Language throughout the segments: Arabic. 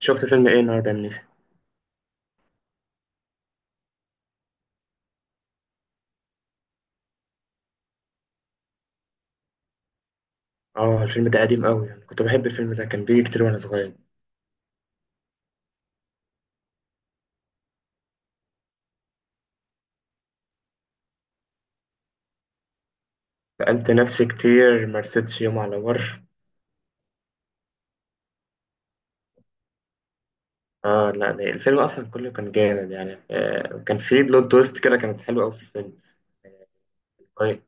شفت فيلم ايه النهارده يا منيسي؟ اه، الفيلم ده قديم قوي، يعني كنت بحب الفيلم ده، كان بيجي كتير وانا صغير. سألت نفسي كتير ما رستش يوم على اه، لا لا، الفيلم اصلا كله كان جامد يعني كان فيه بلوت تويست كده، كانت حلوه قوي في الفيلم. آه، طيب.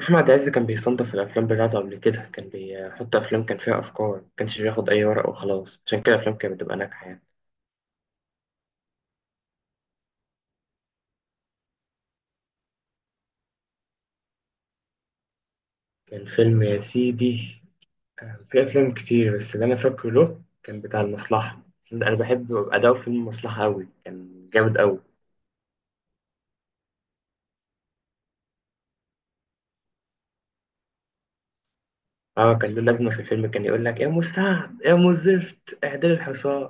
احمد عز كان بيصنف الافلام بتاعته قبل كده، كان بيحط افلام كان فيها افكار، ما كانش بياخد اي ورق وخلاص، عشان كده الافلام كانت بتبقى ناجحه يعني. كان فيلم يا سيدي، كان في أفلام كتير، بس اللي أنا فاكره له كان بتاع المصلحة. أنا بحب أداء فيلم المصلحة أوي، كان جامد أوي. اه، كان له لازمة في الفيلم، كان يقول لك يا مستعد يا مزفت اعدل الحصان.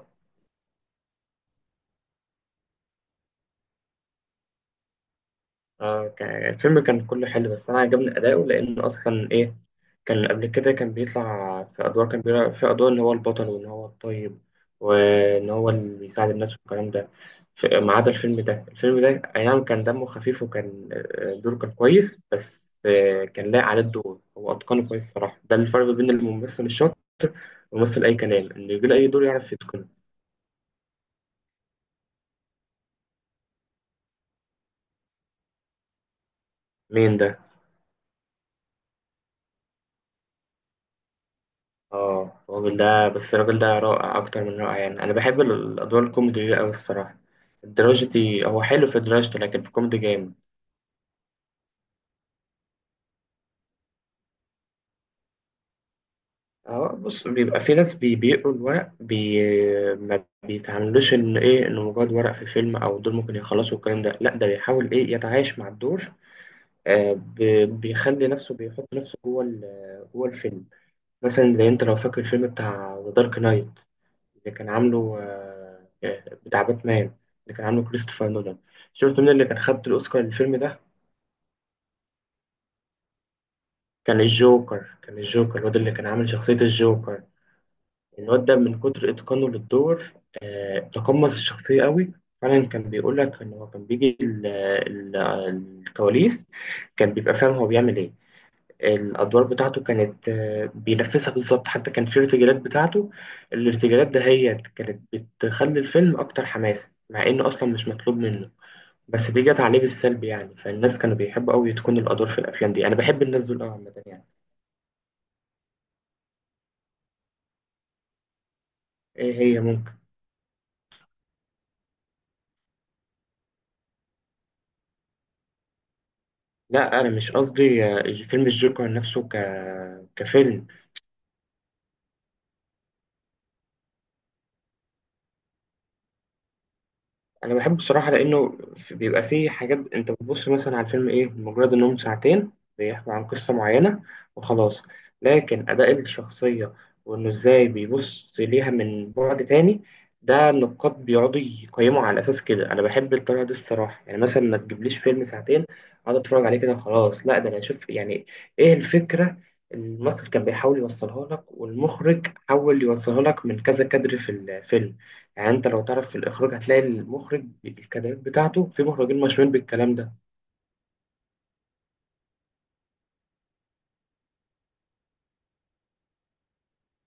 اه الفيلم كان كله حلو، بس انا عجبني اداؤه لان اصلا ايه، كان قبل كده كان بيطلع في ادوار ان هو البطل وان هو الطيب، وان هو اللي بيساعد الناس والكلام ده. ما عدا الفيلم ده، الفيلم ده، اي نعم كان دمه خفيف، وكان دوره كان كويس، بس كان لايق عليه الدور، هو اتقنه كويس صراحة. ده الفرق بين الممثل الشاطر والممثل اي كلام، انه يجي له اي دور يعرف يتقنه. مين ده؟ اه، الراجل ده، بس الراجل ده رائع اكتر من رائع يعني. انا بحب الادوار الكوميدي دي قوي الصراحه. الدراجتي هو حلو في دراجته، لكن في الكوميدي جامد. اه بص، بيبقى في ناس بيقروا الورق ما بيتعاملوش ان ايه انه مجرد ورق في فيلم، او دول ممكن يخلصوا الكلام ده، لا ده بيحاول ايه يتعايش مع الدور. آه بيخلي نفسه، بيحط نفسه جوه جوه الفيلم. مثلا زي انت لو فاكر الفيلم بتاع ذا دارك نايت، اللي كان عامله بتاع باتمان، اللي كان عامله كريستوفر نولان. شفت مين اللي كان خد الأوسكار للفيلم ده؟ كان الجوكر، الواد اللي كان عامل شخصية الجوكر. الواد ده من كتر إتقانه للدور تقمص الشخصية قوي. فعلا كان بيقول لك إن هو كان بيجي ال- الكواليس، كان بيبقى فاهم هو بيعمل إيه. الأدوار بتاعته كانت بينفذها بالظبط. حتى كان في ارتجالات بتاعته، الارتجالات دهيت كانت بتخلي الفيلم أكتر حماس، مع إنه أصلا مش مطلوب منه. بس دي جت عليه بالسلب يعني، فالناس كانوا بيحبوا قوي تكون الادوار في الافلام دي. انا بحب الناس دول قوي عامه يعني. ايه هي؟ ممكن. لا انا مش قصدي فيلم الجوكر نفسه كفيلم انا بحبه بصراحه، لانه بيبقى فيه حاجات انت بتبص مثلا على الفيلم ايه، مجرد انهم ساعتين بيحكوا عن قصه معينه وخلاص. لكن اداء الشخصيه، وانه ازاي بيبص ليها من بعد تاني، ده النقاد بيقعدوا يقيموا على اساس كده. انا بحب الطريقه دي الصراحه يعني. مثلا ما تجيبليش فيلم ساعتين اقعد اتفرج عليه كده وخلاص، لا ده انا اشوف يعني ايه الفكره. الممثل كان بيحاول يوصلها لك، والمخرج حاول يوصلها لك من كذا كادر في الفيلم. يعني انت لو تعرف في الاخراج هتلاقي المخرج الكادرات بتاعته، في مخرجين مشهورين بالكلام ده.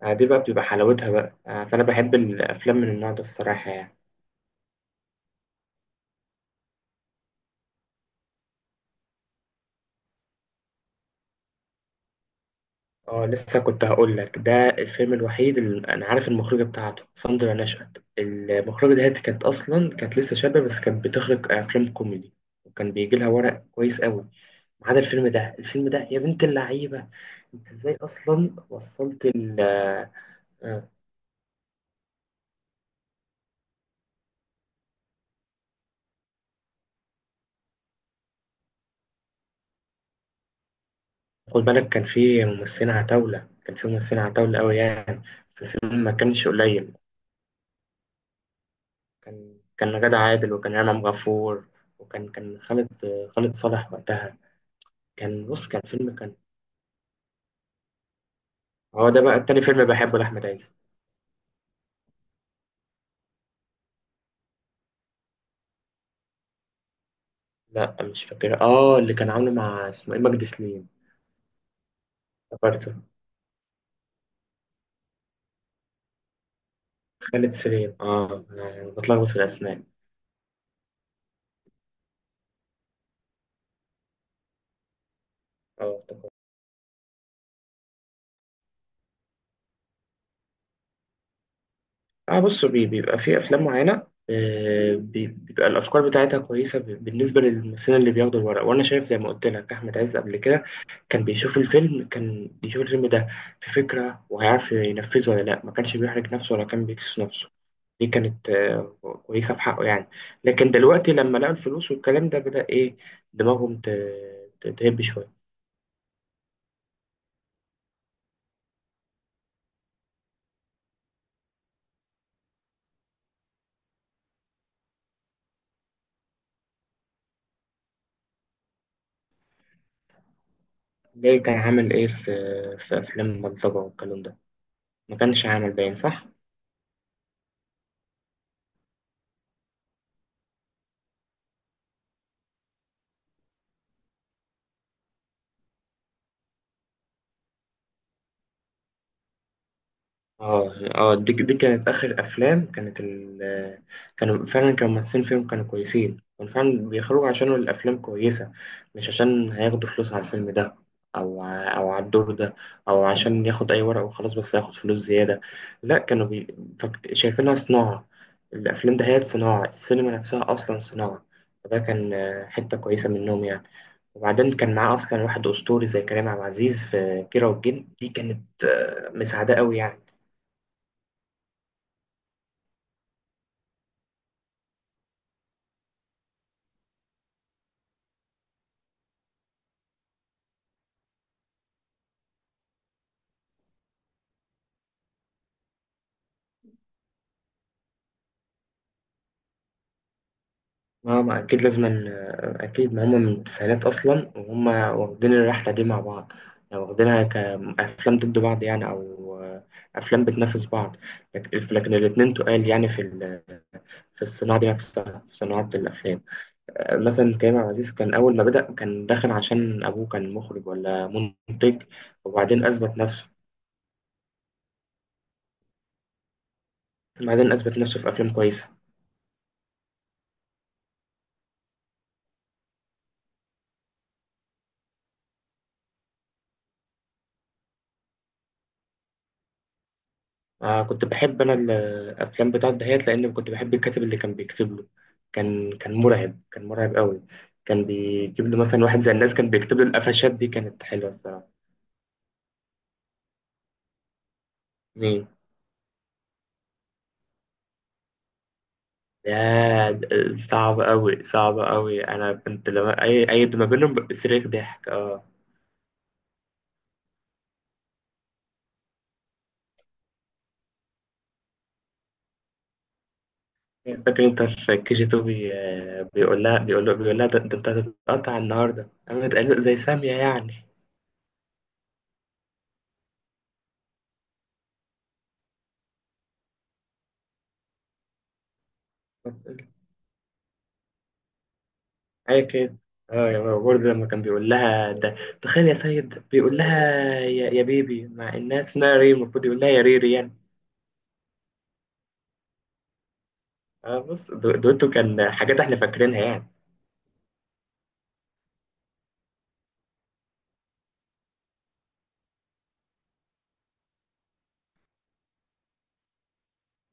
دي بقى بتبقى حلاوتها بقى فانا بحب الافلام من النوع ده الصراحه يعني. اه لسه كنت هقول لك ده الفيلم الوحيد اللي انا عارف المخرجه بتاعته ساندرا نشأت. المخرجه ديت كانت اصلا كانت لسه شابه، بس كانت بتخرج افلام كوميدي، وكان بيجي لها ورق كويس قوي. ما عدا الفيلم ده، الفيلم ده يا بنت اللعيبه. انت ازاي اصلا وصلت ال خد بالك كان في ممثلين عتاولة أوي يعني في الفيلم، ما كانش قليل. كان غادة عادل وكان إمام غفور، وكان خالد، خالد صالح وقتها. كان بص كان فيلم كان. هو ده بقى التاني فيلم بحبه لأحمد عز. لا مش فاكر، اه اللي كان عامله مع اسمه ايه، مجدي سليم. افتكرته. خالد سليم، اه أنا بتلخبط في الأسماء. اه افتكرت. اه بص بيبقى في افلام معينه بيبقى الافكار بتاعتها كويسه، بالنسبه للممثلين اللي بياخدوا الورق. وانا شايف زي ما قلت لك احمد عز قبل كده كان بيشوف الفيلم ده في فكره وهيعرف ينفذه ولا لا. ما كانش بيحرج نفسه ولا كان بيكسس نفسه، دي كانت كويسه في حقه يعني. لكن دلوقتي لما لقوا الفلوس والكلام ده بدا ايه دماغهم تهب شويه. زي كان عامل ايه في في افلام بلطجه والكلام ده، ما كانش عامل باين صح. اه اه، دي كانت اخر افلام كانت ال، كانوا فعلا كانوا ممثلين فيهم كانوا كويسين، كانوا فعلا بيخرجوا عشان الافلام كويسه، مش عشان هياخدوا فلوس على الفيلم ده، او او على الدور ده، او عشان ياخد اي ورقه وخلاص بس هياخد فلوس زياده. لا كانوا شايفينها صناعه. الافلام ده هي صناعه السينما، نفسها اصلا صناعه. فده كان حته كويسه منهم يعني. وبعدين كان معاه اصلا واحد اسطوري زي كريم عبد العزيز في كيرة والجن، دي كانت مساعده قوي يعني. ما أكيد لازم أكيد ما هم من التسعينات أصلا، وهم واخدين الرحلة دي مع بعض. يعني واخدينها كأفلام ضد بعض يعني، أو أفلام بتنافس بعض. لكن الاتنين تقال يعني في في الصناعة دي نفسها، في صناعة الأفلام. مثلا كريم عبد العزيز كان أول ما بدأ كان داخل عشان أبوه كان مخرج ولا منتج. وبعدين أثبت نفسه. بعدين أثبت نفسه في أفلام كويسة. آه كنت بحب أنا الأفلام بتاعت دهيات لأن كنت بحب الكاتب اللي كان بيكتب له. كان مرعب، كان مرعب قوي. كان بيجيب له مثلا واحد زي الناس كان بيكتب له، القفشات دي كانت حلوة الصراحة. مين ده؟ ده صعب قوي صعب قوي. أنا كنت لما أي ما بينهم صريخ ضحك. اه فاكر انت في كي جي 2 بيقول لها انت هتتقطع النهارده، انا متقلق زي سامية يعني. اي كده. اه، يا برضه لما كان بيقول لها ده، تخيل يا سيد بيقول لها يا بيبي، مع انها اسمها ري، المفروض يقول لها يا ريري يعني. اه بص دويتو كان حاجات احنا فاكرينها يعني.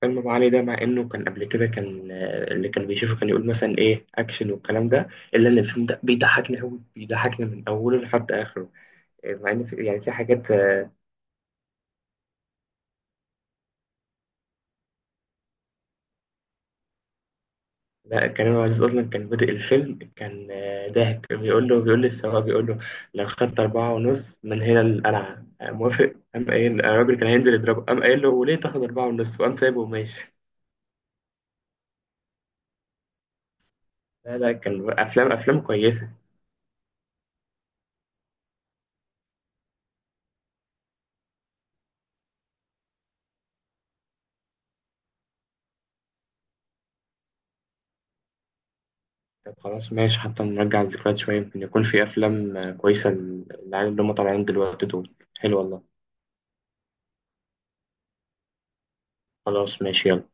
فيلم ابو علي ده مع انه كان قبل كده كان اللي كان بيشوفه كان يقول مثلا ايه اكشن والكلام ده، الا ان الفيلم ده بيضحكني قوي، بيضحكني من اوله لحد اخره. مع ان في يعني في حاجات. لا كريم عبد العزيز اصلا كان بادئ الفيلم كان ضاحك بيقول له، بيقول للسواق بيقول له لو خدت 4 ونص من هنا للقلعة موافق. قام قايل، الراجل كان هينزل يضربه، قام قايل له وليه تاخد 4 ونص، وقام سايبه وماشي. لا لا كان أفلام أفلام كويسة. طب خلاص ماشي، حتى نرجع الذكريات شوية، يمكن يكون في أفلام كويسة للعيال اللي هم طالعين دلوقتي دول. حلو والله. خلاص ماشي يلا.